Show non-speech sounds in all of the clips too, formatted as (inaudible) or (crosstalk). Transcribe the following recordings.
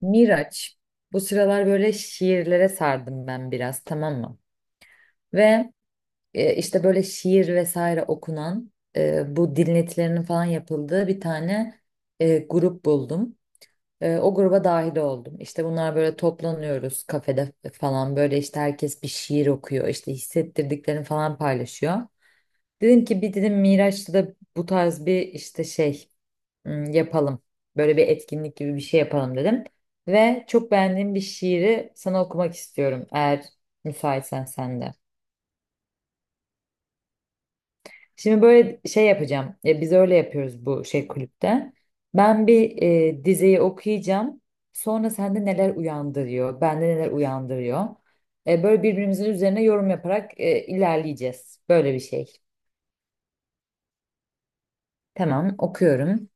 Miraç. Bu sıralar böyle şiirlere sardım ben biraz, tamam mı? Ve e, işte böyle şiir vesaire okunan, bu dinletilerinin falan yapıldığı bir tane grup buldum. O gruba dahil oldum. İşte bunlar, böyle toplanıyoruz kafede falan, böyle işte herkes bir şiir okuyor, işte hissettirdiklerini falan paylaşıyor. Dedim ki bir dedim Miraç'ta da bu tarz bir işte şey, hmm, yapalım. Böyle bir etkinlik gibi bir şey yapalım dedim. Ve çok beğendiğim bir şiiri sana okumak istiyorum, eğer müsaitsen sen de. Şimdi böyle şey yapacağım. Ya biz öyle yapıyoruz bu şey, kulüpte. Ben bir dizeyi okuyacağım. Sonra sende neler uyandırıyor, bende neler uyandırıyor. Böyle birbirimizin üzerine yorum yaparak ilerleyeceğiz. Böyle bir şey. Tamam, okuyorum.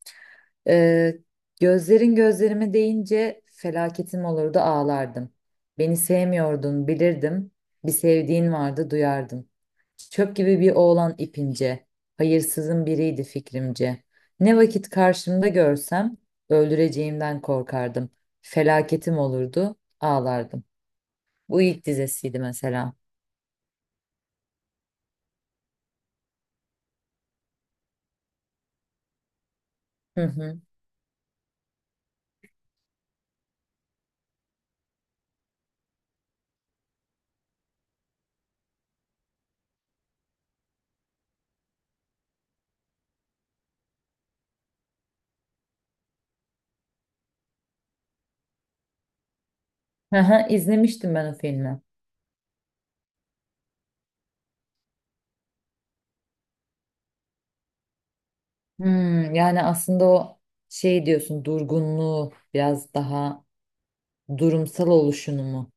Ee, gözlerin gözlerime değince felaketim olurdu ağlardım. Beni sevmiyordun bilirdim. Bir sevdiğin vardı duyardım. Çöp gibi bir oğlan ipince. Hayırsızın biriydi fikrimce. Ne vakit karşımda görsem öldüreceğimden korkardım. Felaketim olurdu ağlardım. Bu ilk dizesiydi mesela. Hı hı. Aha, izlemiştim ben o filmi. Hmm, yani aslında o şey diyorsun, durgunluğu biraz daha. Durumsal oluşunu mu?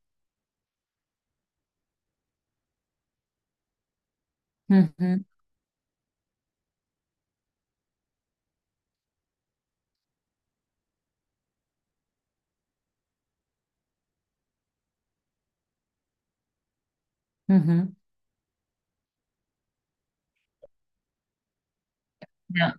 Hı hı, hı hı. Ya,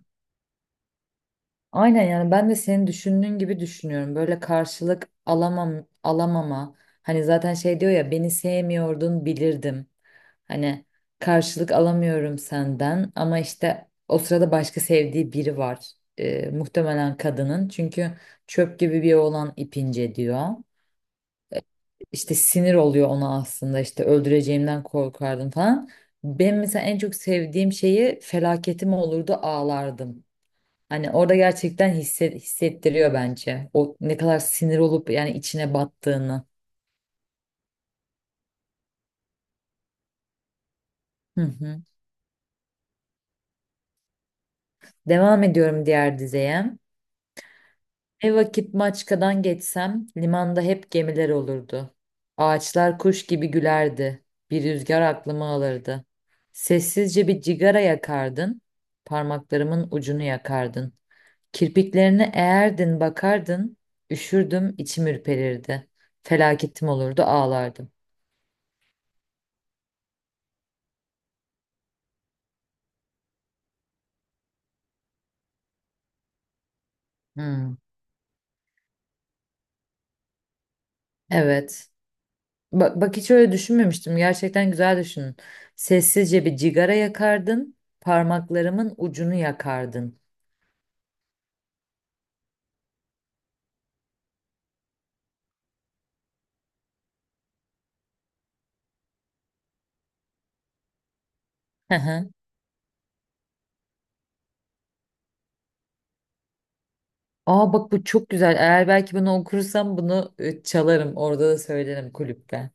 aynen, yani ben de senin düşündüğün gibi düşünüyorum. Böyle karşılık alamam, alamama. Hani zaten şey diyor ya, beni sevmiyordun bilirdim. Hani karşılık alamıyorum senden, ama işte o sırada başka sevdiği biri var. Muhtemelen kadının. Çünkü çöp gibi bir oğlan ipince diyor. İşte sinir oluyor ona, aslında işte öldüreceğimden korkardım falan. Ben mesela en çok sevdiğim şeyi, felaketim olurdu ağlardım. Hani orada gerçekten hissettiriyor bence. O ne kadar sinir olup yani içine battığını. Hı hı. Devam ediyorum diğer dizeye. Ne vakit Maçka'dan geçsem limanda hep gemiler olurdu. Ağaçlar kuş gibi gülerdi. Bir rüzgar aklımı alırdı. Sessizce bir cigara yakardın, parmaklarımın ucunu yakardın. Kirpiklerine eğerdin bakardın, üşürdüm içim ürperirdi. Felaketim olurdu ağlardım. Hmm, evet. Bak, bak hiç öyle düşünmemiştim. Gerçekten güzel düşünün. Sessizce bir cigara yakardın, parmaklarımın ucunu yakardın. Hı hı. Aa bak, bu çok güzel. Eğer belki bunu okursam bunu çalarım. Orada da söylerim kulüpte.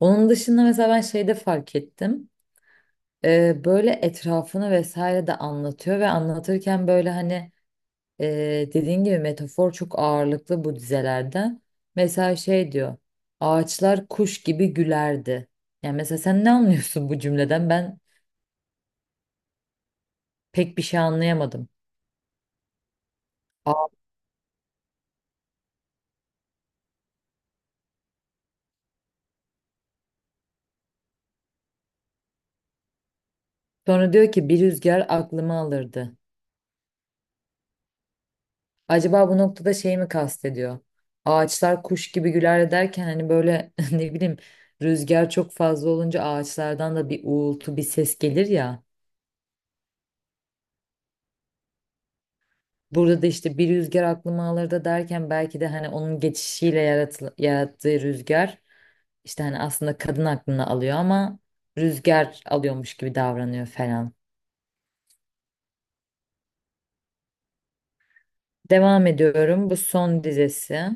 Onun dışında mesela ben şeyde fark ettim. Böyle etrafını vesaire de anlatıyor ve anlatırken böyle hani, dediğin gibi metafor çok ağırlıklı bu dizelerden. Mesela şey diyor. Ağaçlar kuş gibi gülerdi. Yani mesela sen ne anlıyorsun bu cümleden? Ben pek bir şey anlayamadım. Aa, sonra diyor ki bir rüzgar aklımı alırdı. Acaba bu noktada şey mi kastediyor? Ağaçlar kuş gibi güler derken hani böyle (laughs) ne bileyim, rüzgar çok fazla olunca ağaçlardan da bir uğultu, bir ses gelir ya. Burada da işte bir rüzgar aklıma alır da derken, belki de hani onun geçişiyle yarattığı rüzgar, işte hani aslında kadın aklını alıyor, ama rüzgar alıyormuş gibi davranıyor falan. Devam ediyorum. Bu son dizesi.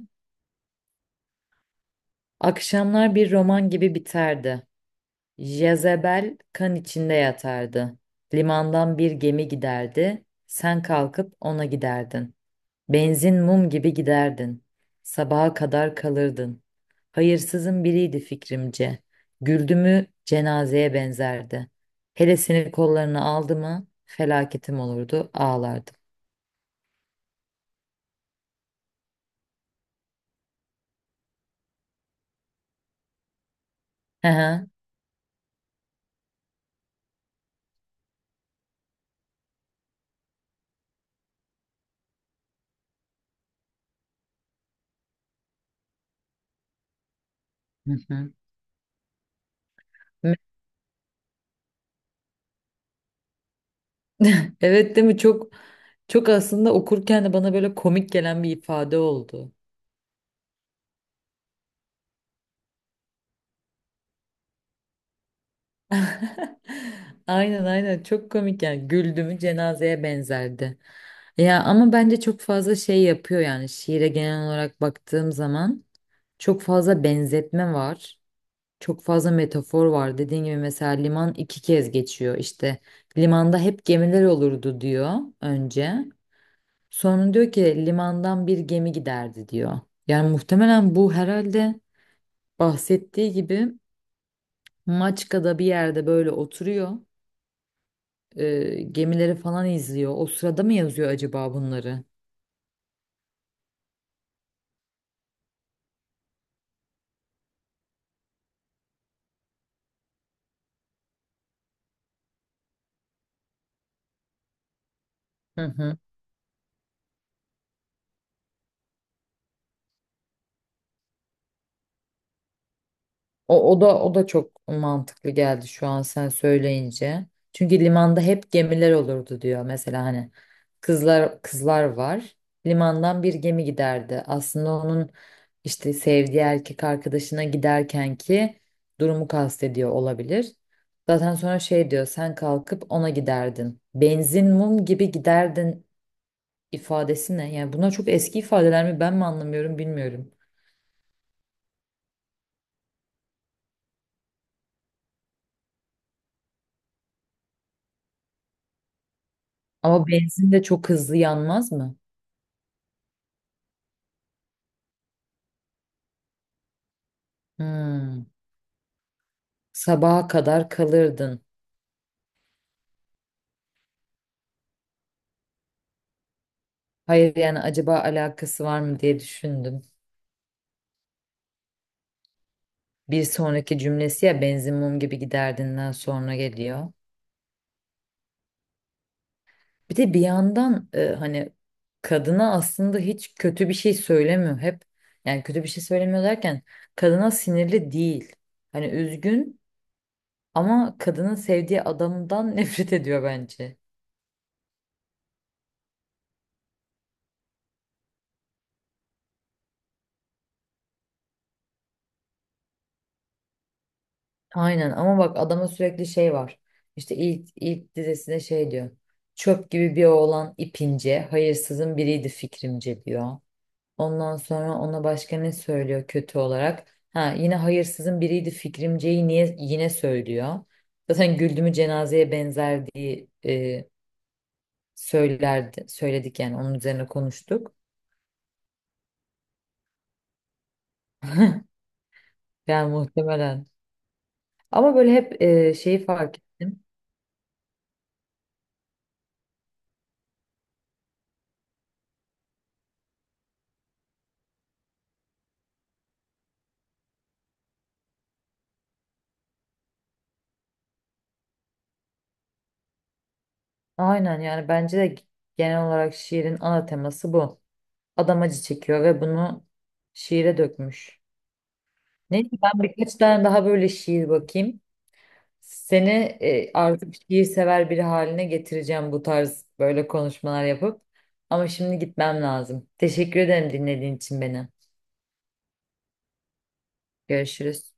Akşamlar bir roman gibi biterdi. Jezebel kan içinde yatardı. Limandan bir gemi giderdi. Sen kalkıp ona giderdin. Benzin mum gibi giderdin. Sabaha kadar kalırdın. Hayırsızın biriydi fikrimce. Güldü mü cenazeye benzerdi. Hele seni kollarına aldı mı felaketim olurdu ağlardım. Hı hı. Hı hı. Evet, değil mi? Çok, çok aslında okurken de bana böyle komik gelen bir ifade oldu. (laughs) Aynen, aynen, çok komik yani, güldüğümü cenazeye benzerdi. Ya ama bence çok fazla şey yapıyor, yani şiire genel olarak baktığım zaman. Çok fazla benzetme var. Çok fazla metafor var. Dediğim gibi mesela liman iki kez geçiyor. İşte limanda hep gemiler olurdu diyor önce. Sonra diyor ki limandan bir gemi giderdi diyor. Yani muhtemelen bu, herhalde bahsettiği gibi Maçka'da bir yerde böyle oturuyor, gemileri falan izliyor. O sırada mı yazıyor acaba bunları? Hı hı. O da çok mantıklı geldi şu an sen söyleyince. Çünkü limanda hep gemiler olurdu diyor. Mesela hani kızlar, kızlar var. Limandan bir gemi giderdi. Aslında onun işte sevdiği erkek arkadaşına giderken ki durumu kastediyor olabilir. Zaten sonra şey diyor, sen kalkıp ona giderdin. Benzin mum gibi giderdin ifadesi ne? Yani bunlar çok eski ifadeler mi, ben mi anlamıyorum, bilmiyorum. Ama benzin de çok hızlı yanmaz mı? Hmm. Sabaha kadar kalırdın. Hayır yani acaba alakası var mı diye düşündüm. Bir sonraki cümlesi ya benzin mum gibi giderdinden sonra geliyor. Bir de bir yandan hani kadına aslında hiç kötü bir şey söylemiyor hep. Yani kötü bir şey söylemiyor derken, kadına sinirli değil. Hani üzgün, ama kadının sevdiği adamdan (laughs) nefret ediyor bence. Aynen, ama bak adama sürekli şey var. İşte ilk dizesinde şey diyor. Çöp gibi bir oğlan ipince, hayırsızın biriydi fikrimce diyor. Ondan sonra ona başka ne söylüyor kötü olarak? Ha, yine hayırsızın biriydi fikrimceyi niye yine söylüyor. Zaten güldümü cenazeye benzer diye söyledik yani onun üzerine konuştuk. Yani muhtemelen. Ama böyle hep şeyi fark ettim. Aynen, yani bence de genel olarak şiirin ana teması bu. Adam acı çekiyor ve bunu şiire dökmüş. Neyse, ben birkaç tane daha böyle şiir bakayım. Seni artık şiir sever biri haline getireceğim bu tarz böyle konuşmalar yapıp. Ama şimdi gitmem lazım. Teşekkür ederim dinlediğin için beni. Görüşürüz.